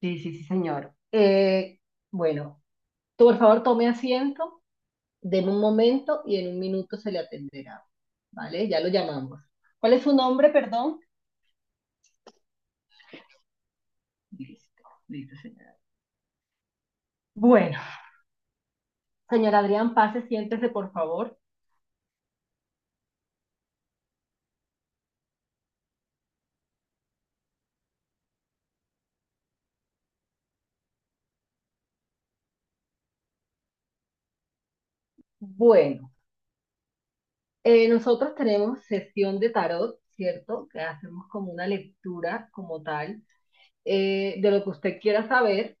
Sí, sí, sí, señor. Bueno, tú por favor tome asiento, deme un momento y en un minuto se le atenderá. ¿Vale? Ya lo llamamos. ¿Cuál es su nombre, perdón? Listo, listo, señora. Bueno, señor Adrián, pase, siéntese, por favor. Bueno, nosotros tenemos sesión de tarot, ¿cierto? Que hacemos como una lectura como tal, de lo que usted quiera saber.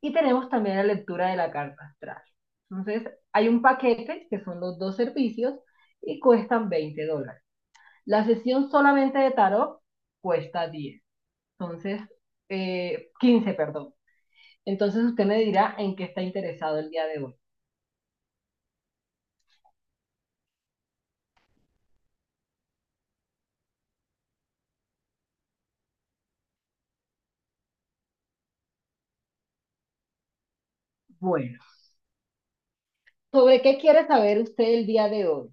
Y tenemos también la lectura de la carta astral. Entonces, hay un paquete que son los dos servicios y cuestan 20 dólares. La sesión solamente de tarot cuesta diez, entonces, 15, perdón. Entonces usted me dirá en qué está interesado el día de hoy. Bueno, ¿sobre qué quiere saber usted el día de hoy?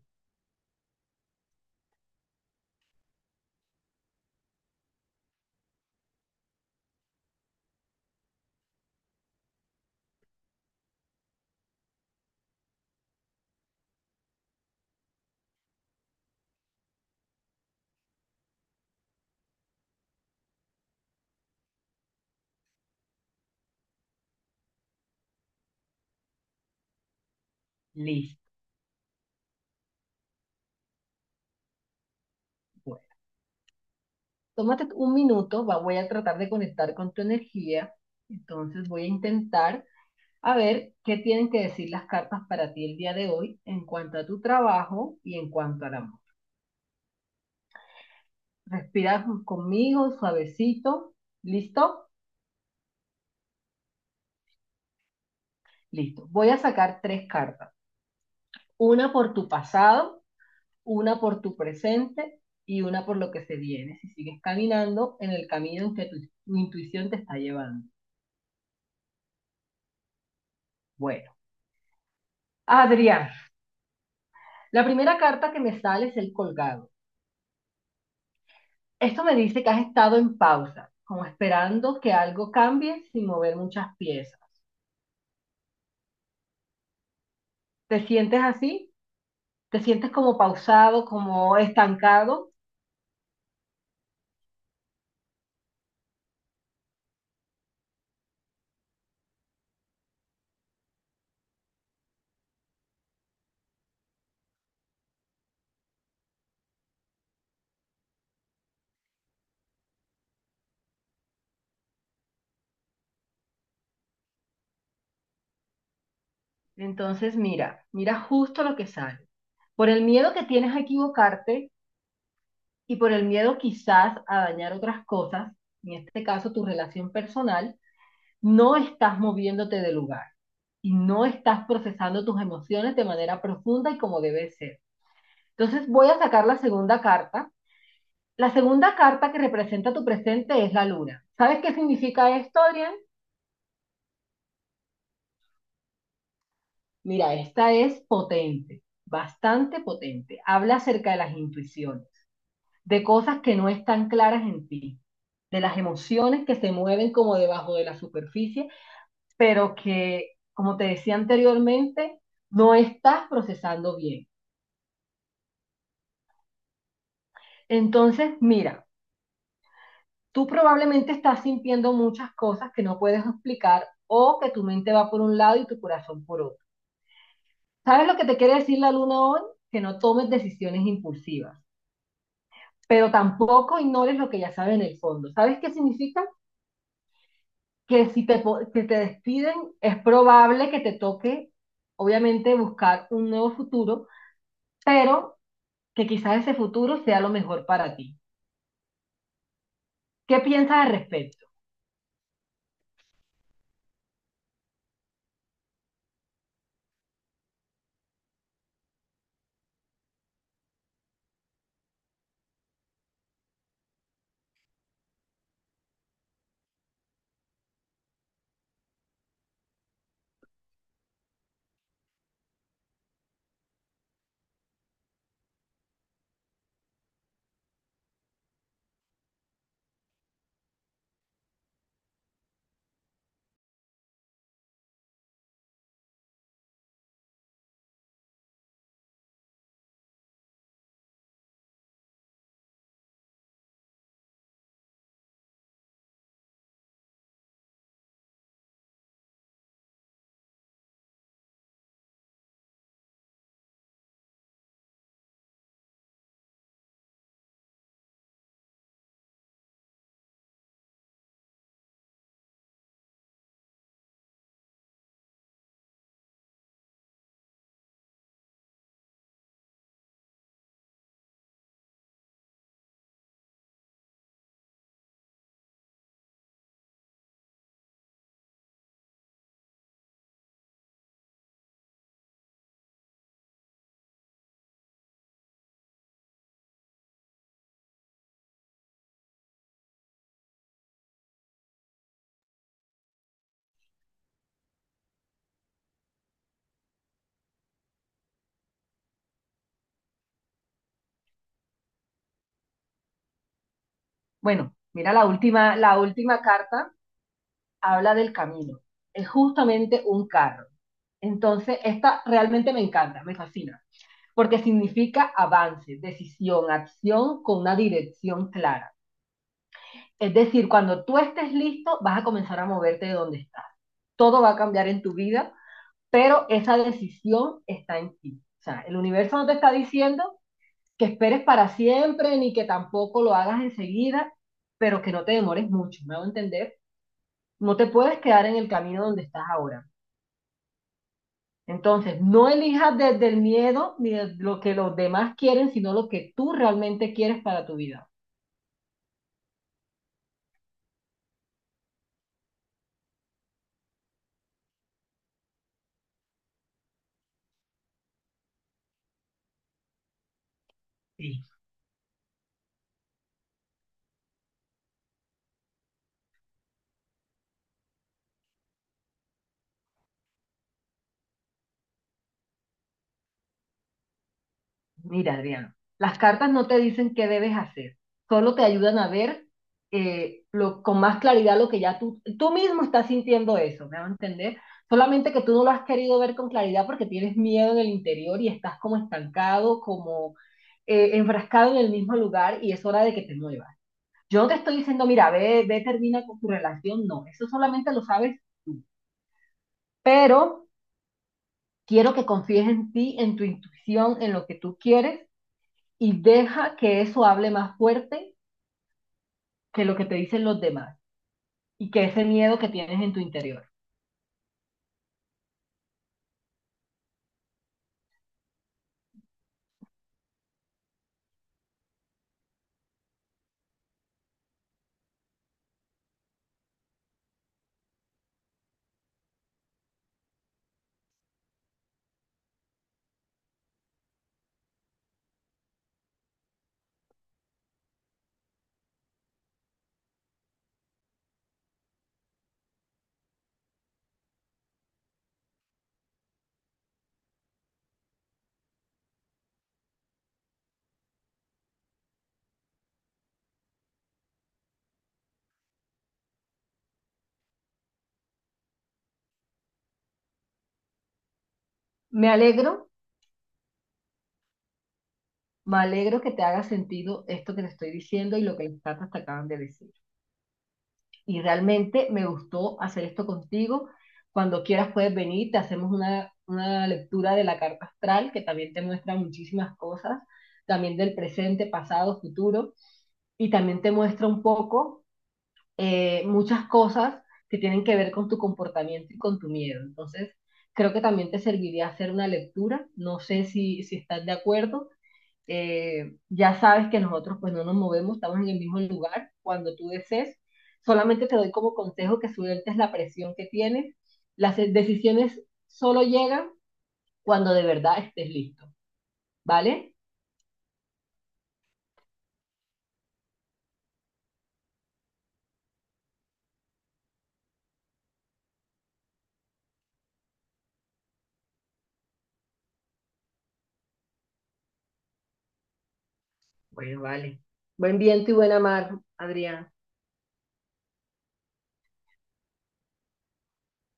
Listo. Bueno, tómate un minuto, voy a tratar de conectar con tu energía. Entonces voy a intentar. A ver, ¿qué tienen que decir las cartas para ti el día de hoy en cuanto a tu trabajo y en cuanto al amor? Respira conmigo, suavecito. ¿Listo? Listo. Voy a sacar tres cartas. Una por tu pasado, una por tu presente y una por lo que se viene, si sigues caminando en el camino en que tu intuición te está llevando. Bueno, Adrián, la primera carta que me sale es el colgado. Esto me dice que has estado en pausa, como esperando que algo cambie sin mover muchas piezas. ¿Te sientes así? ¿Te sientes como pausado, como estancado? Entonces mira justo lo que sale. Por el miedo que tienes a equivocarte y por el miedo quizás a dañar otras cosas, en este caso tu relación personal, no estás moviéndote de lugar y no estás procesando tus emociones de manera profunda y como debe ser. Entonces voy a sacar la segunda carta. La segunda carta que representa tu presente es la luna. ¿Sabes qué significa esto, Adrián? Mira, esta es potente, bastante potente. Habla acerca de las intuiciones, de cosas que no están claras en ti, de las emociones que se mueven como debajo de la superficie, pero que, como te decía anteriormente, no estás procesando bien. Entonces, mira, tú probablemente estás sintiendo muchas cosas que no puedes explicar o que tu mente va por un lado y tu corazón por otro. ¿Sabes lo que te quiere decir la luna hoy? Que no tomes decisiones impulsivas, pero tampoco ignores lo que ya sabes en el fondo. ¿Sabes qué significa? Que si te, que te despiden, es probable que te toque, obviamente, buscar un nuevo futuro, pero que quizás ese futuro sea lo mejor para ti. ¿Qué piensas al respecto? Bueno, mira la última carta habla del camino. Es justamente un carro. Entonces, esta realmente me encanta, me fascina, porque significa avance, decisión, acción con una dirección clara. Es decir, cuando tú estés listo, vas a comenzar a moverte de donde estás. Todo va a cambiar en tu vida, pero esa decisión está en ti. O sea, el universo no te está diciendo que esperes para siempre ni que tampoco lo hagas enseguida, pero que no te demores mucho, me hago entender. No te puedes quedar en el camino donde estás ahora. Entonces, no elijas desde el miedo ni desde lo que los demás quieren, sino lo que tú realmente quieres para tu vida. Sí. Mira, Adriano, las cartas no te dicen qué debes hacer, solo te ayudan a ver, con más claridad lo que ya tú mismo estás sintiendo eso, ¿me van a entender? Solamente que tú no lo has querido ver con claridad porque tienes miedo en el interior y estás como estancado, como enfrascado en el mismo lugar y es hora de que te muevas. Yo no te estoy diciendo, mira, ve, termina con tu relación, no, eso solamente lo sabes tú, pero quiero que confíes en ti, en tu intuición, en lo que tú quieres y deja que eso hable más fuerte que lo que te dicen los demás y que ese miedo que tienes en tu interior. Me alegro, me alegro que te haga sentido esto que te estoy diciendo y lo que las cartas te acaban de decir. Y realmente me gustó hacer esto contigo. Cuando quieras puedes venir, te hacemos una lectura de la carta astral que también te muestra muchísimas cosas, también del presente, pasado, futuro, y también te muestra un poco, muchas cosas que tienen que ver con tu comportamiento y con tu miedo. Entonces, creo que también te serviría hacer una lectura. No sé si estás de acuerdo. Ya sabes que nosotros pues no nos movemos, estamos en el mismo lugar cuando tú desees. Solamente te doy como consejo que sueltes la presión que tienes. Las decisiones solo llegan cuando de verdad estés listo, ¿vale? Bueno, vale. Buen viento y buena mar, Adrián.